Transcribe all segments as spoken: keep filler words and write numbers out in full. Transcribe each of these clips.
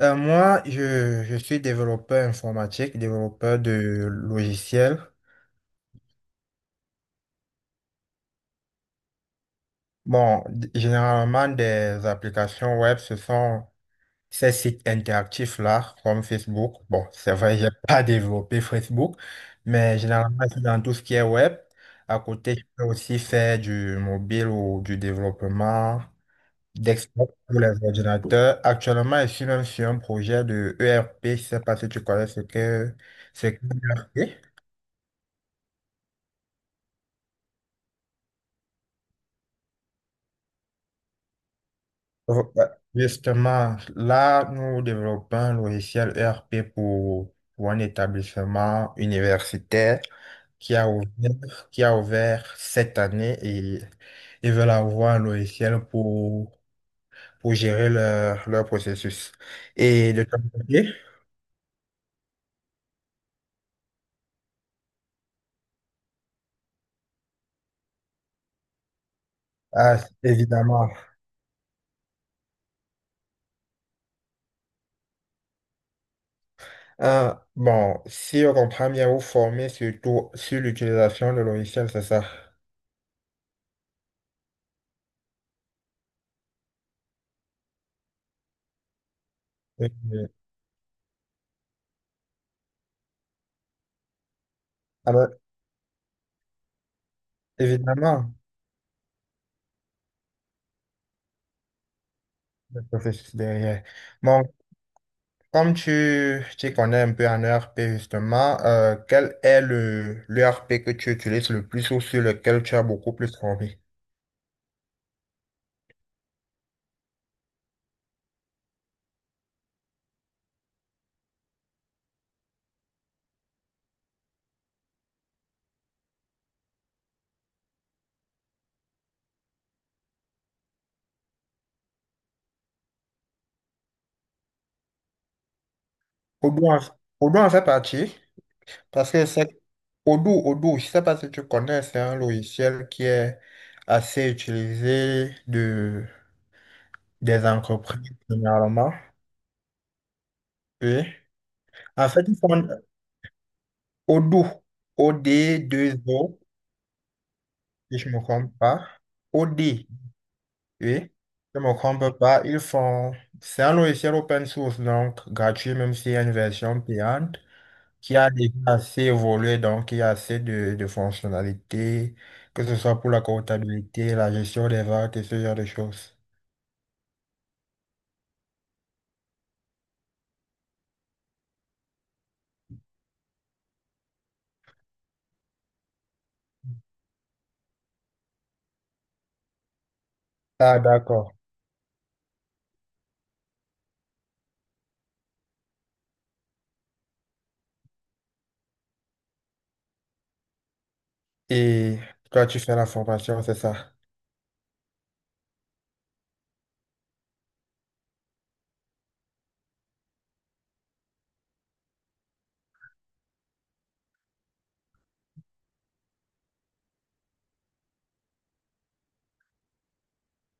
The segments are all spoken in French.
Euh, moi, je, je suis développeur informatique, développeur de logiciels. Bon, d- généralement, des applications web, ce sont ces sites interactifs-là, comme Facebook. Bon, c'est vrai, j'ai pas développé Facebook, mais généralement, c'est dans tout ce qui est web. À côté, je peux aussi faire du mobile ou du développement desktop pour les ordinateurs. Actuellement, je suis même sur un projet de E R P. Je sais pas si tu connais ce que c'est. Que l'E R P. Oh, ouais. Justement, là, nous développons un logiciel E R P pour, pour un établissement universitaire qui a ouvert, qui a ouvert cette année et ils veulent avoir un logiciel pour, pour gérer leur, leur processus. Et de ton côté, ah, évidemment, hein, bon, si on comprend bien, vous formez surtout sur l'utilisation de logiciels, c'est ça? Oui, oui. Alors, évidemment, le processus derrière. Bon, comme tu, tu connais un peu en E R P justement, euh, quel est le l'E R P que tu utilises le plus ou sur lequel tu as beaucoup plus envie? Odoo en, Odoo en fait partie parce que c'est Odoo, Odoo, je sais pas si tu connais, c'est un logiciel qui est assez utilisé de, des entreprises généralement. Oui. En fait, ils font Odoo, o d deux o si je me trompe pas. Audi, oui. Je me trompe pas. Ils font. C'est un logiciel open source, donc gratuit, même s'il y a une version payante, qui a déjà assez évolué, donc il y a assez de, de fonctionnalités, que ce soit pour la comptabilité, la gestion des ventes et ce genre de choses. Ah, d'accord. Et toi, tu fais la formation, c'est ça?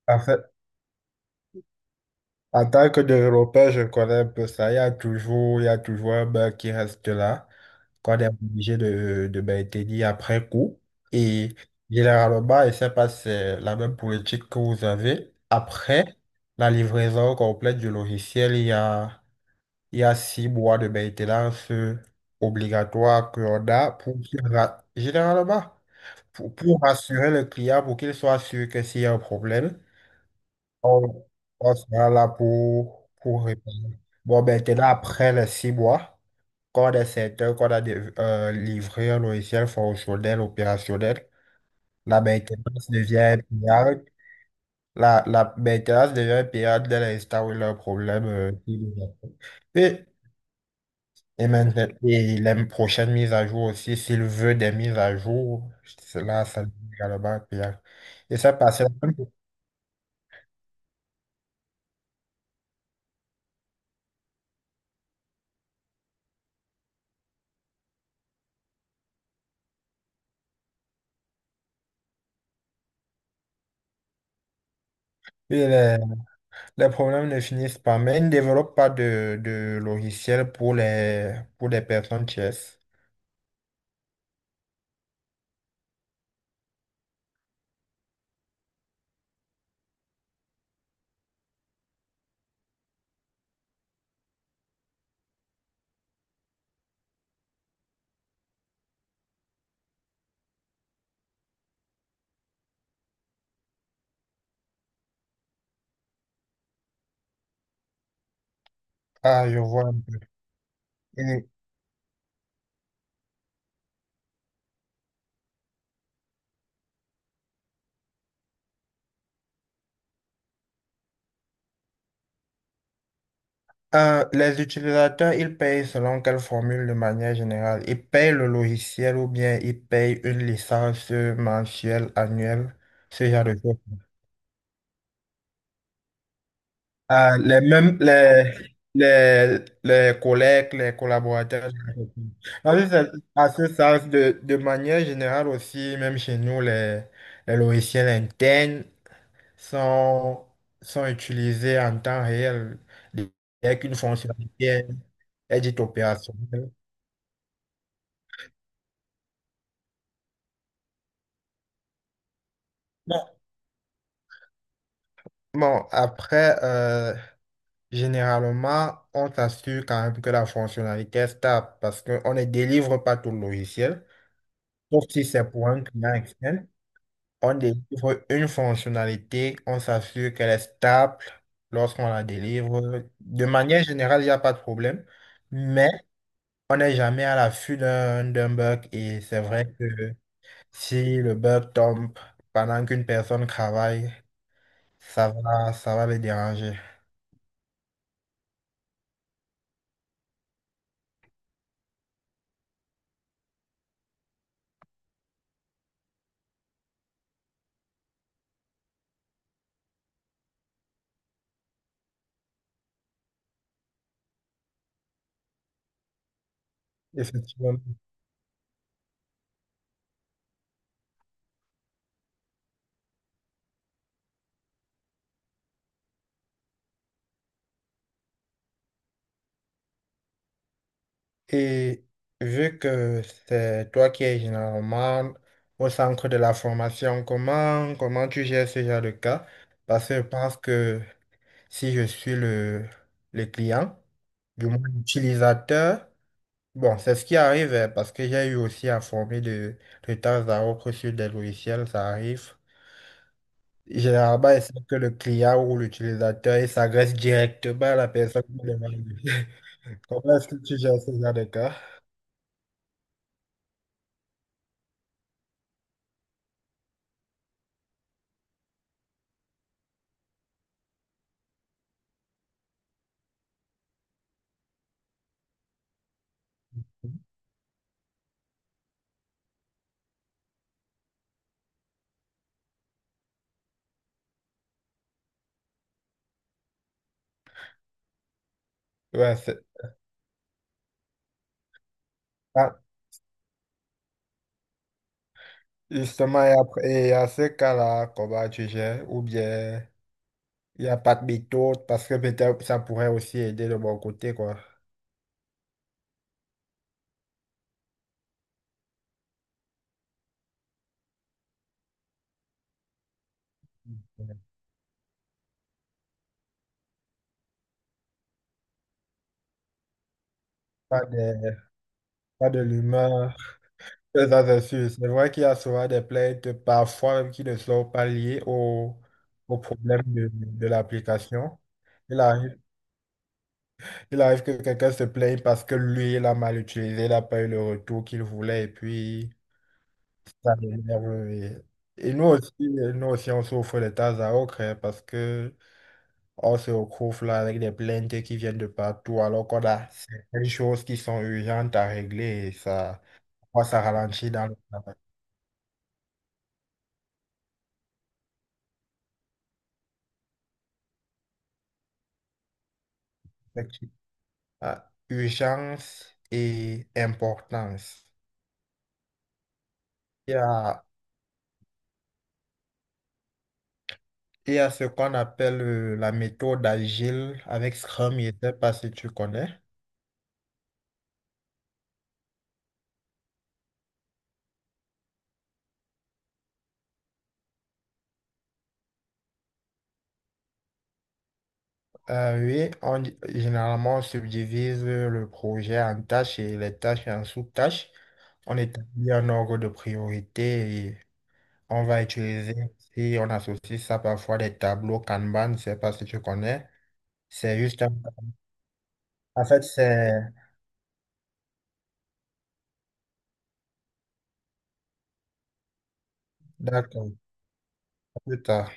En fait, en tant que développeur, je connais un peu ça. Il y a toujours, il y a toujours un bug qui reste là, qu'on est obligé de, de maintenir après coup. Et généralement, bah, je ne sais pas si c'est la même politique que vous avez. Après la livraison complète du logiciel, il y a, il y a six mois de maintenance obligatoire qu'on a pour qu'il ra- généralement pour, pour rassurer le client, pour qu'il soit sûr que s'il y a un problème, on, on sera là pour, pour répondre. Bon, maintenant, après les six mois, quand des secteurs, quand des euh, livreurs, logiciels fonctionnels, opérationnels, la maintenance devient payante. La, la maintenance devient payante dès l'instant où il y a un problème. euh, il est- et, et maintenant, et les prochaines mises à jour aussi, s'il veut des mises à jour, cela, ça devient également payant. Et ça passe. les, les problèmes ne finissent pas, mais ils ne développent pas de, de logiciel pour les, pour les personnes tierces. Ah, je vois un peu. Euh, les utilisateurs, ils payent selon quelle formule de manière générale? Ils payent le logiciel ou bien ils payent une licence mensuelle, annuelle, ce genre de choses. Euh, les mêmes, les, les, les collègues, les collaborateurs. Dans ce sens- à ce sens, de, de manière générale aussi, même chez nous, les, les logiciels internes sont, sont utilisés en temps réel dès qu'une fonctionnalité est dite opérationnelle. Bon, après, euh, généralement, on s'assure quand même que la fonctionnalité est stable parce qu'on ne délivre pas tout le logiciel. Sauf si c'est pour un client externe, on délivre une fonctionnalité, on s'assure qu'elle est stable lorsqu'on la délivre. De manière générale, il n'y a pas de problème, mais on n'est jamais à l'affût d'un d'un bug et c'est vrai que si le bug tombe pendant qu'une personne travaille, ça va, ça va le déranger. Effectivement. Et vu que c'est toi qui es généralement au centre de la formation, comment, comment tu gères ce genre de cas? Parce que je pense que si je suis le, le client, du moins l'utilisateur, bon, c'est ce qui arrive euh, parce que j'ai eu aussi à former de, de temps à autre sur des logiciels, ça arrive. Généralement, c'est que le client ou l'utilisateur, il s'adresse directement à la personne qui demande. Comment est-ce que tu gères ce genre de cas? Ouais, c'est- ah, Justement, et après, et à ce cas-là, comment tu gères? Ou bien, il n'y a pas de méthode parce que peut-être ça pourrait aussi aider de mon côté, quoi. Pas de, Pas de l'humain. C'est ça, c'est sûr. C'est vrai qu'il y a souvent des plaintes, parfois même qui ne sont pas liées au, au problème de, de l'application. Il arrive, il arrive que quelqu'un se plaigne parce que lui, il a mal utilisé, il n'a pas eu le retour qu'il voulait, et puis ça l'énerve. Et, et nous aussi, nous aussi, on souffre de tas à autre, hein, parce que on se retrouve là avec des plaintes qui viennent de partout, alors qu'on a certaines choses qui sont urgentes à régler, et ça, moi, ça ralentit dans le travail. À urgence et importance. Il y a, il y a ce qu'on appelle euh, la méthode agile avec Scrum, je ne sais pas si tu connais. Euh, oui, on, di- généralement, on subdivise le projet en tâches et les tâches en sous-tâches. On établit un ordre de priorité et on va utiliser, si on associe ça parfois, des tableaux Kanban, je ne sais pas si tu connais. C'est juste un... En fait, c'est... D'accord, à plus tard.